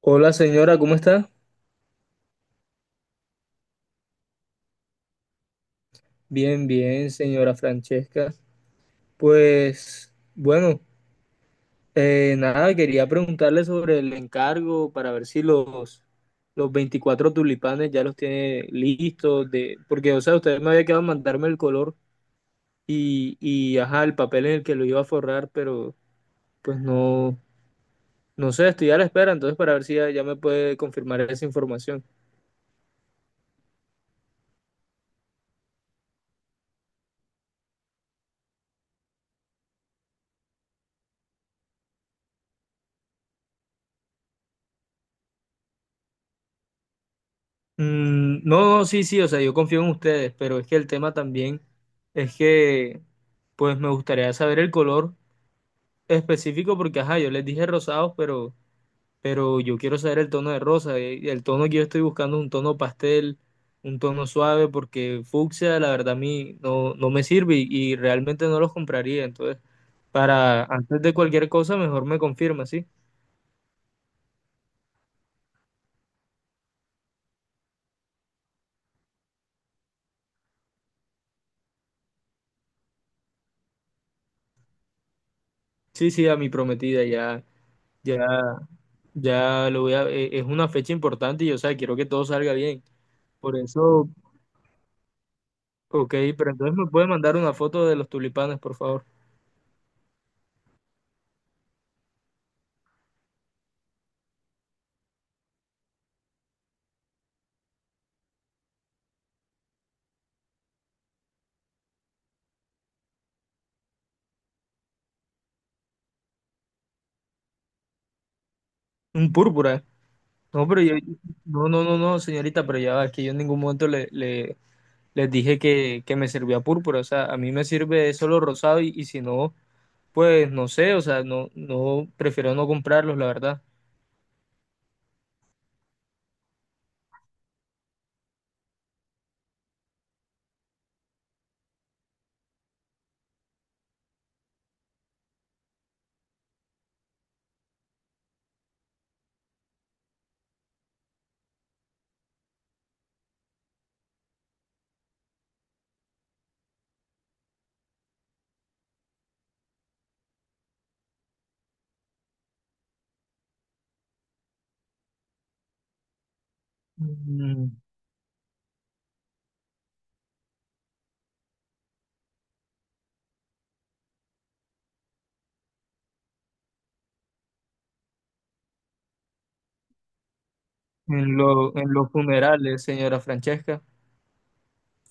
Hola señora, ¿cómo está? Bien, bien, señora Francesca. Pues bueno, nada, quería preguntarle sobre el encargo para ver si los los 24 tulipanes ya los tiene listos, de, porque, o sea, usted me había quedado en mandarme el color y, ajá, el papel en el que lo iba a forrar, pero pues no, no sé, estoy a la espera, entonces para ver si ya, ya me puede confirmar esa información. Mm, no, no, sí, sí, o sea, yo confío en ustedes, pero es que el tema también es que, pues me gustaría saber el color específico porque, ajá, yo les dije rosados, pero yo quiero saber el tono de rosa. Y el tono que yo estoy buscando es un tono pastel, un tono suave, porque fucsia, la verdad, a mí no, no me sirve y realmente no los compraría. Entonces, para antes de cualquier cosa, mejor me confirma, ¿sí? Sí, sí, a mi prometida ya, ya. Ya lo voy a, e- Es una fecha importante y o sea, quiero que todo salga bien. Por eso, ok, pero entonces me puede mandar una foto de los tulipanes, por favor. Un púrpura. No, pero yo, no, no, no, no, señorita, pero ya va, es que yo en ningún momento les dije que me servía púrpura. O sea, a mí me sirve solo rosado y si no, pues no sé, o sea, no, no, prefiero no comprarlos, la verdad. Mm, en los funerales, señora Francesca.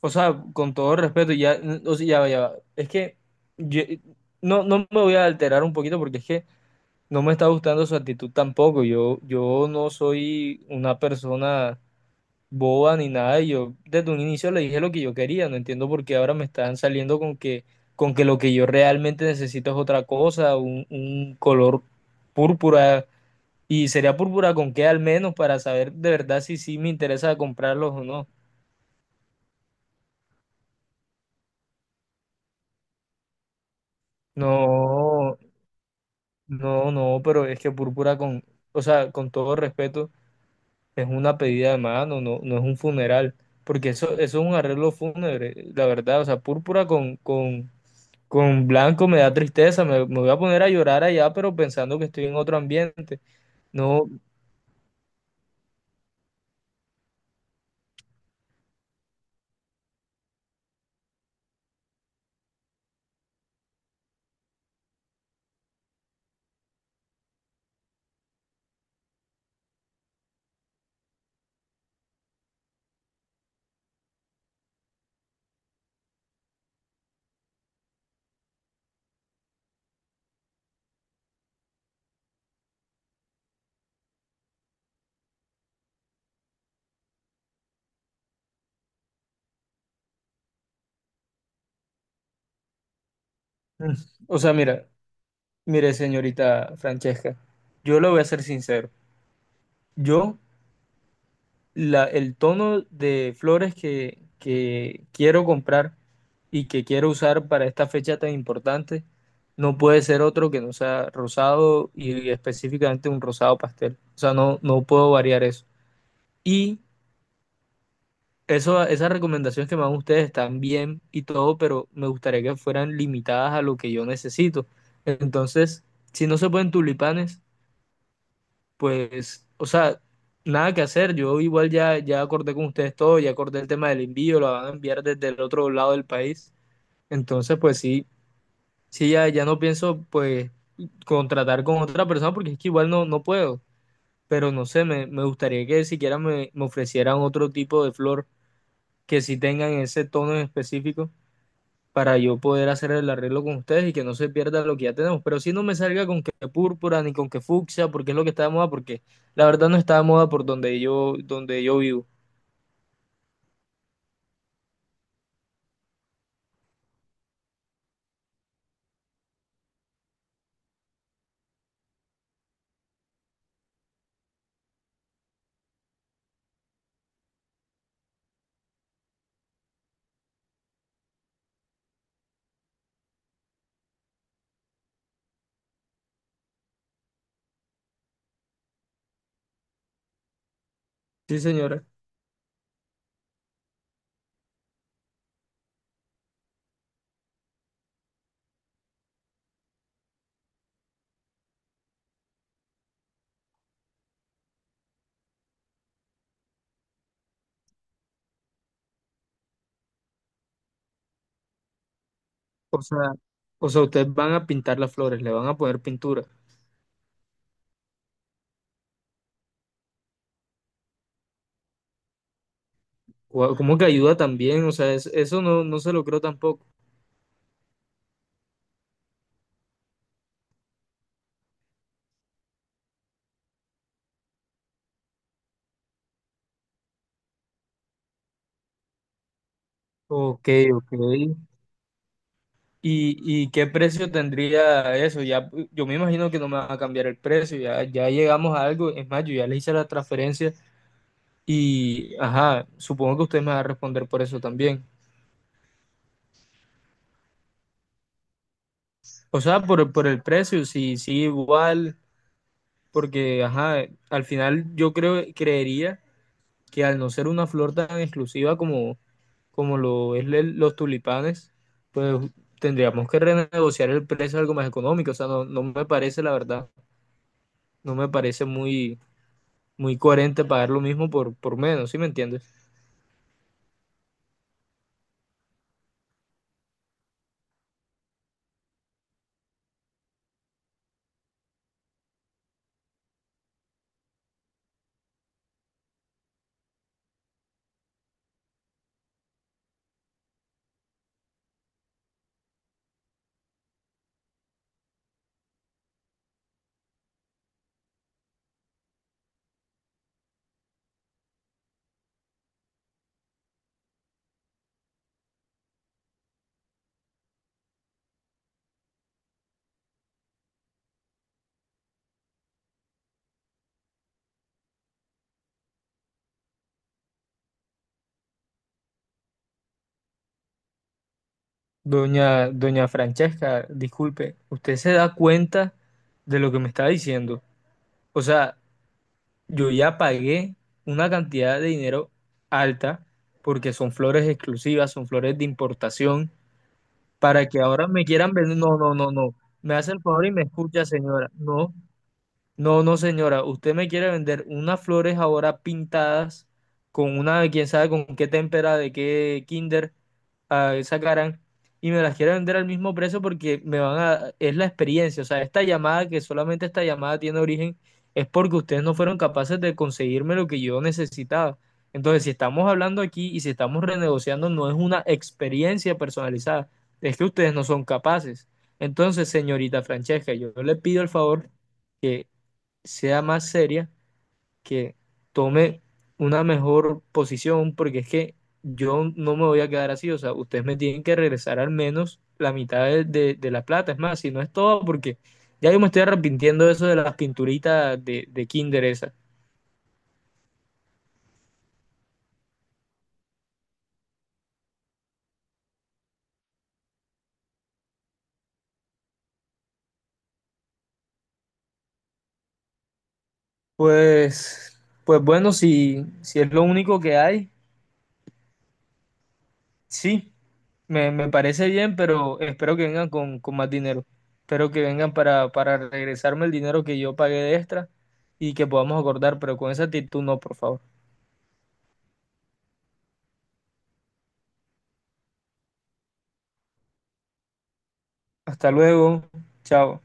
O sea, con todo respeto, ya, o sea, ya va, ya va. Es que yo- no, no me voy a alterar un poquito porque es que no me está gustando su actitud tampoco. Yo no soy una persona boba ni nada. Yo desde un inicio le dije lo que yo quería. No entiendo por qué ahora me están saliendo con que lo que yo realmente necesito es otra cosa, un color púrpura. Y sería púrpura con qué al menos para saber de verdad si sí me interesa comprarlos o no. No. No, no, pero es que púrpura con, o sea, con todo respeto, es una pedida de mano, no, no es un funeral, porque eso es un arreglo fúnebre, la verdad, o sea, púrpura con, con blanco me da tristeza, me voy a poner a llorar allá, pero pensando que estoy en otro ambiente, no, mm, o sea, mira, mire, señorita Francesca, yo le voy a ser sincero, yo el tono de flores que quiero comprar y que quiero usar para esta fecha tan importante no puede ser otro que no sea rosado y específicamente un rosado pastel. O sea, no, no puedo variar eso. Y esas recomendaciones que me dan ustedes están bien y todo, pero me gustaría que fueran limitadas a lo que yo necesito. Entonces, si no se pueden tulipanes, pues, o sea, nada que hacer. Yo igual ya, ya acordé con ustedes todo, ya acordé el tema del envío, lo van a enviar desde el otro lado del país. Entonces, pues sí, sí, ya, ya no pienso, pues, contratar con otra persona porque es que igual no, no puedo. Pero no sé, me gustaría que siquiera me ofrecieran otro tipo de flor que sí tengan ese tono en específico para yo poder hacer el arreglo con ustedes y que no se pierda lo que ya tenemos. Pero si no me salga con que púrpura ni con que fucsia, porque es lo que está de moda, porque la verdad no está de moda por donde yo vivo. Sí, señora. O sea, o sea, ustedes van a pintar las flores, le van a poner pintura. Guau, ¿cómo que ayuda también? O sea, eso no, no se lo creo tampoco. Ok, ok. ¿Y, y qué precio tendría eso? Ya, yo me imagino que no me van a cambiar el precio, ya, ya llegamos a algo. Es más, yo ya le hice la transferencia. Y, ajá, supongo que usted me va a responder por eso también. O sea, por el precio, sí, sí, igual, porque, ajá, al final yo creería que al no ser una flor tan exclusiva como lo es los tulipanes, pues tendríamos que renegociar el precio algo más económico. O sea, no, no me parece, la verdad, no me parece muy, muy coherente pagar lo mismo por menos, ¿sí me entiendes? Doña Francesca, disculpe, ¿usted se da cuenta de lo que me está diciendo? O sea, yo ya pagué una cantidad de dinero alta porque son flores exclusivas, son flores de importación, para que ahora me quieran vender. No, no, no, no. Me hace el favor y me escucha, señora. No, no, no, señora, usted me quiere vender unas flores ahora pintadas con una, quién sabe con qué témpera, de qué kinder ah, sacarán, y me las quiere vender al mismo precio porque me van a, es la experiencia, o sea, esta llamada, que solamente esta llamada tiene origen, es porque ustedes no fueron capaces de conseguirme lo que yo necesitaba. Entonces, si estamos hablando aquí y si estamos renegociando, no es una experiencia personalizada, es que ustedes no son capaces. Entonces, señorita Francesca, yo le pido el favor que sea más seria, que tome una mejor posición, porque es que yo no me voy a quedar así, o sea, ustedes me tienen que regresar al menos la mitad de la plata, es más, si no es todo, porque ya yo me estoy arrepintiendo de eso de las pinturitas de Kinder esas. Pues bueno, si es lo único que hay, sí, me parece bien, pero espero que vengan con más dinero. Espero que vengan para regresarme el dinero que yo pagué de extra y que podamos acordar, pero con esa actitud no, por favor. Hasta luego. Chao.